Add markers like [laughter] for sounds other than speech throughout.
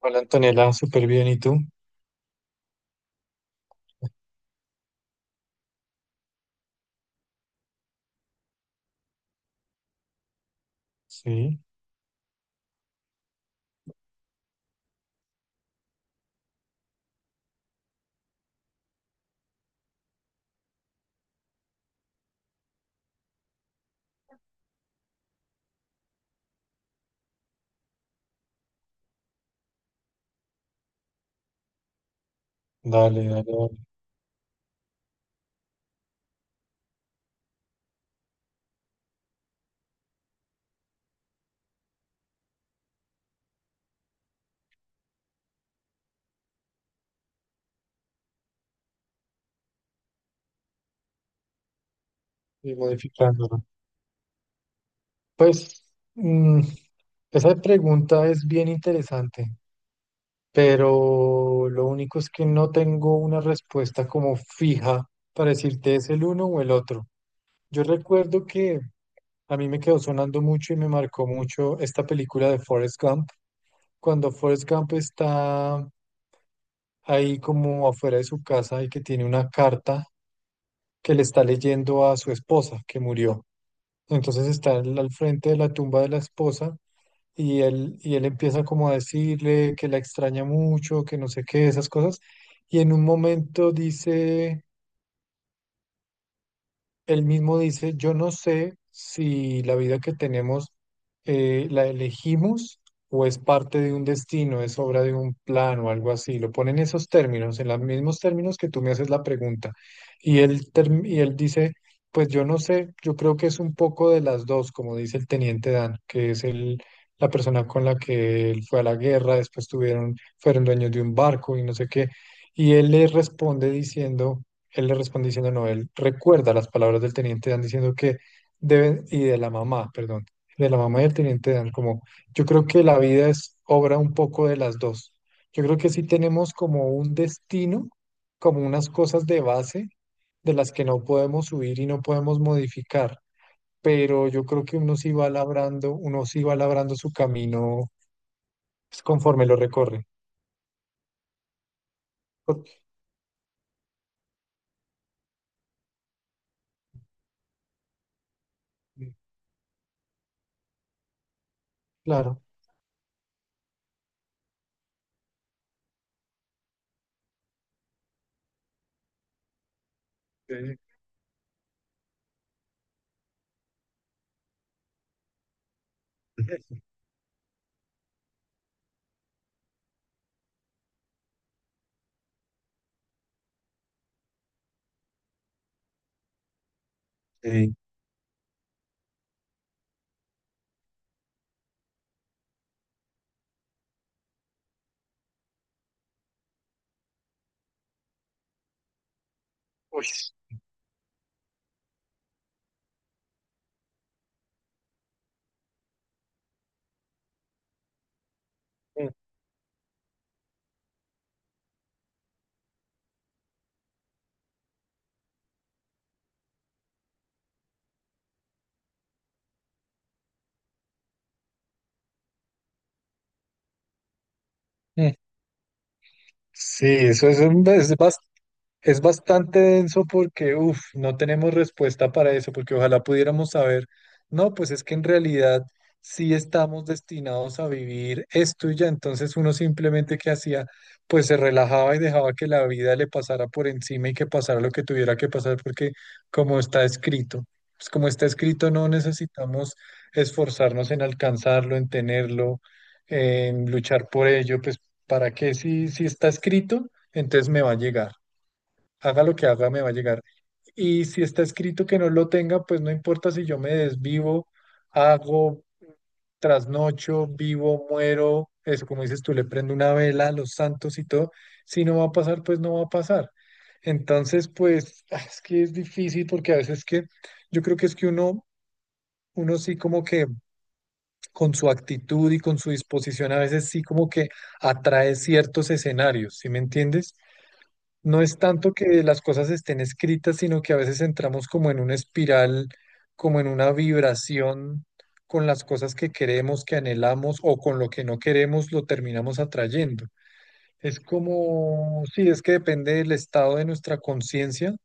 Hola Antonella, súper bien. ¿Y tú? Sí, dale, dale, dale. Y modificándolo. Pues mm, esa pregunta es bien interesante, pero lo único es que no tengo una respuesta como fija para decirte es el uno o el otro. Yo recuerdo que a mí me quedó sonando mucho y me marcó mucho esta película de Forrest Gump. Cuando Forrest Gump está ahí como afuera de su casa y que tiene una carta que le está leyendo a su esposa que murió. Entonces está él al frente de la tumba de la esposa y él empieza como a decirle que la extraña mucho, que no sé qué, esas cosas. Y en un momento dice... Él mismo dice, yo no sé si la vida que tenemos la elegimos o es parte de un destino, es obra de un plan o algo así. Lo pone en esos términos, en los mismos términos que tú me haces la pregunta. Y él, y él dice, pues yo no sé, yo creo que es un poco de las dos, como dice el teniente Dan, que es el, la persona con la que él fue a la guerra, después tuvieron, fueron dueños de un barco y no sé qué. Y él le responde diciendo... Él le responde diciendo, no, él recuerda las palabras del teniente Dan diciendo que deben, y de la mamá, perdón, de la mamá y del teniente Dan, como yo creo que la vida es obra un poco de las dos. Yo creo que sí tenemos como un destino, como unas cosas de base de las que no podemos huir y no podemos modificar, pero yo creo que uno sí va labrando, uno sí va labrando su camino pues, conforme lo recorre. Porque, claro. Ok. Ok. Uy, sí. Sí, eso es, es bastante denso porque, uff, no tenemos respuesta para eso, porque ojalá pudiéramos saber, no, pues es que en realidad sí estamos destinados a vivir esto y ya, entonces uno simplemente que hacía, pues se relajaba y dejaba que la vida le pasara por encima y que pasara lo que tuviera que pasar, porque como está escrito, pues como está escrito no necesitamos esforzarnos en alcanzarlo, en tenerlo, en luchar por ello, pues ¿para qué? Si, si está escrito, entonces me va a llegar haga lo que haga, me va a llegar. Y si está escrito que no lo tenga, pues no importa si yo me desvivo, hago, trasnocho, vivo, muero, es como dices tú, le prendo una vela a los santos y todo. Si no va a pasar, pues no va a pasar. Entonces, pues ah, es que es difícil porque a veces que yo creo que es que uno, uno sí como que con su actitud y con su disposición, a veces sí como que atrae ciertos escenarios, ¿sí me entiendes? No es tanto que las cosas estén escritas, sino que a veces entramos como en una espiral, como en una vibración con las cosas que queremos, que anhelamos o con lo que no queremos, lo terminamos atrayendo. Es como, sí, es que depende del estado de nuestra conciencia.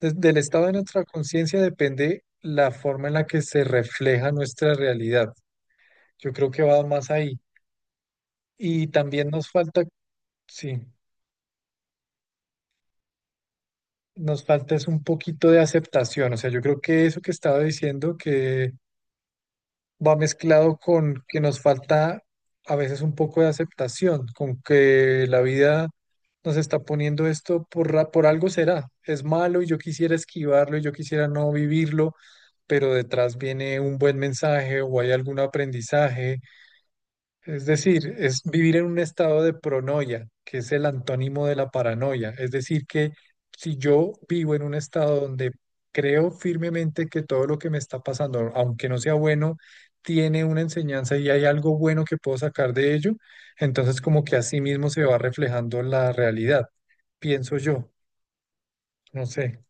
Del estado de nuestra conciencia depende la forma en la que se refleja nuestra realidad. Yo creo que va más ahí. Y también nos falta, sí. Nos falta es un poquito de aceptación. O sea, yo creo que eso que estaba diciendo que va mezclado con que nos falta a veces un poco de aceptación, con que la vida nos está poniendo esto por, por algo será. Es malo y yo quisiera esquivarlo y yo quisiera no vivirlo, pero detrás viene un buen mensaje o hay algún aprendizaje es decir, es vivir en un estado de pronoia, que es el antónimo de la paranoia. Es decir, que si yo vivo en un estado donde creo firmemente que todo lo que me está pasando, aunque no sea bueno, tiene una enseñanza y hay algo bueno que puedo sacar de ello, entonces como que así mismo se va reflejando la realidad, pienso yo, no sé.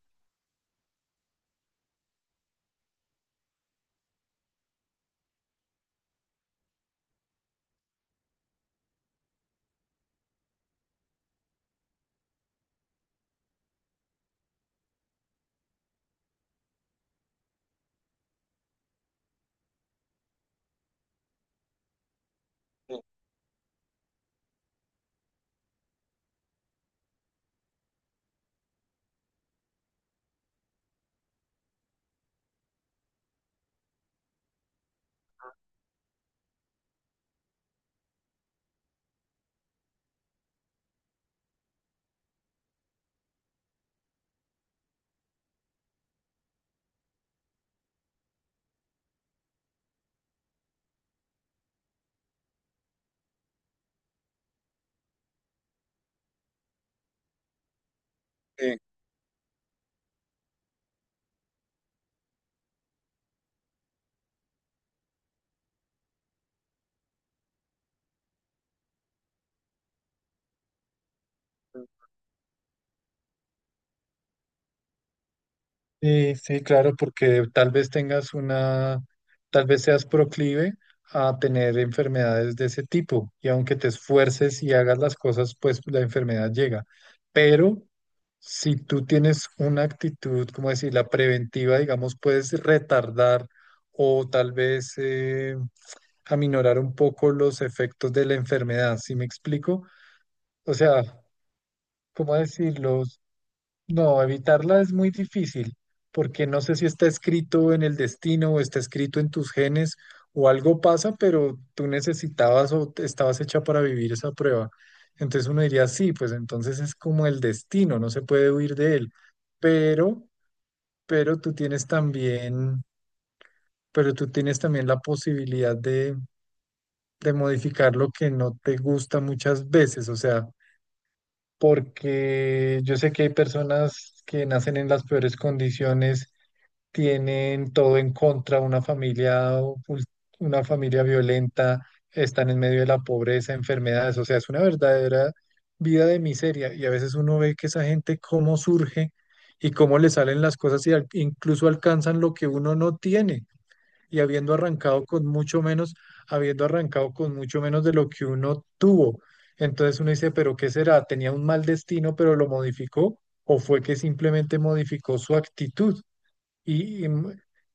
Sí, sí, claro, porque tal vez tengas una, tal vez seas proclive a tener enfermedades de ese tipo y aunque te esfuerces y hagas las cosas, pues la enfermedad llega. Pero si tú tienes una actitud, como decir, la preventiva, digamos, puedes retardar o tal vez aminorar un poco los efectos de la enfermedad, ¿sí me explico? O sea, ¿cómo decirlo? No, evitarla es muy difícil, porque no sé si está escrito en el destino o está escrito en tus genes o algo pasa, pero tú necesitabas o estabas hecha para vivir esa prueba. Entonces uno diría, sí, pues entonces es como el destino, no se puede huir de él. Pero, pero tú tienes también, pero tú tienes también la posibilidad de modificar lo que no te gusta muchas veces, o sea, porque yo sé que hay personas que nacen en las peores condiciones tienen todo en contra, una familia, una familia violenta, están en medio de la pobreza, enfermedades, o sea, es una verdadera vida de miseria y a veces uno ve que esa gente cómo surge y cómo le salen las cosas y incluso alcanzan lo que uno no tiene y habiendo arrancado con mucho menos, habiendo arrancado con mucho menos de lo que uno tuvo. Entonces uno dice, pero ¿qué será? ¿Tenía un mal destino, pero lo modificó? ¿O fue que simplemente modificó su actitud? Y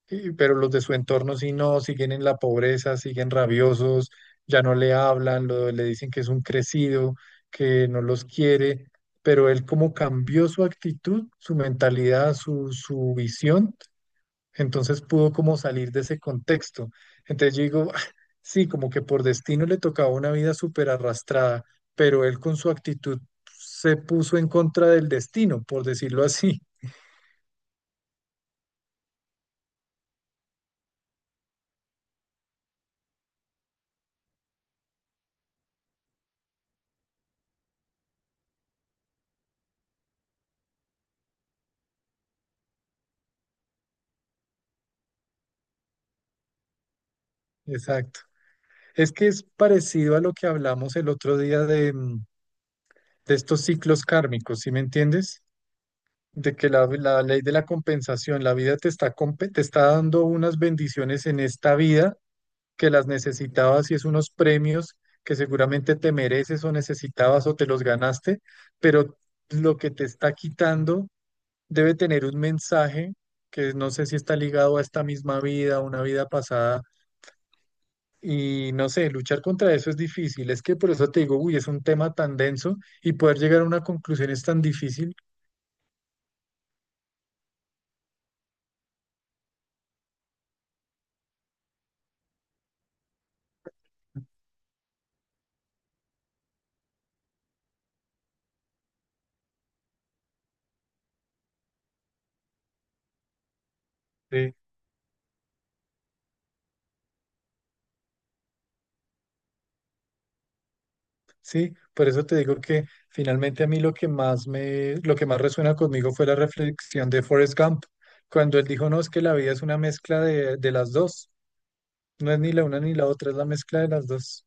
pero los de su entorno sí no, siguen en la pobreza, siguen rabiosos, ya no le hablan, le dicen que es un crecido, que no los quiere, pero él como cambió su actitud, su mentalidad, su visión, entonces pudo como salir de ese contexto. Entonces yo digo, "Ah, sí, como que por destino le tocaba una vida súper arrastrada, pero él con su actitud se puso en contra del destino, por decirlo así. [laughs] Exacto. Es que es parecido a lo que hablamos el otro día de, de estos ciclos kármicos, ¿sí me entiendes? De que la ley de la compensación, la vida te está, te está dando unas bendiciones en esta vida que las necesitabas y es unos premios que seguramente te mereces o necesitabas o te los ganaste, pero lo que te está quitando debe tener un mensaje que no sé si está ligado a esta misma vida, a una vida pasada. Y no sé, luchar contra eso es difícil. Es que por eso te digo, uy, es un tema tan denso y poder llegar a una conclusión es tan difícil. Sí. Sí, por eso te digo que finalmente a mí lo que más me, lo que más resuena conmigo fue la reflexión de Forrest Gump, cuando él dijo, no, es que la vida es una mezcla de las dos. No es ni la una ni la otra, es la mezcla de las dos.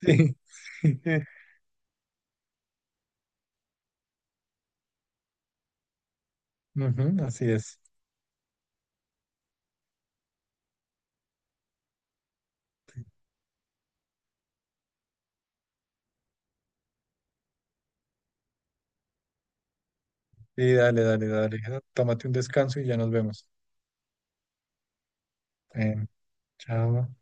Sí. [laughs] Ujú, así es. Y dale, dale, dale. Tómate un descanso y ya nos vemos. Eh, chao.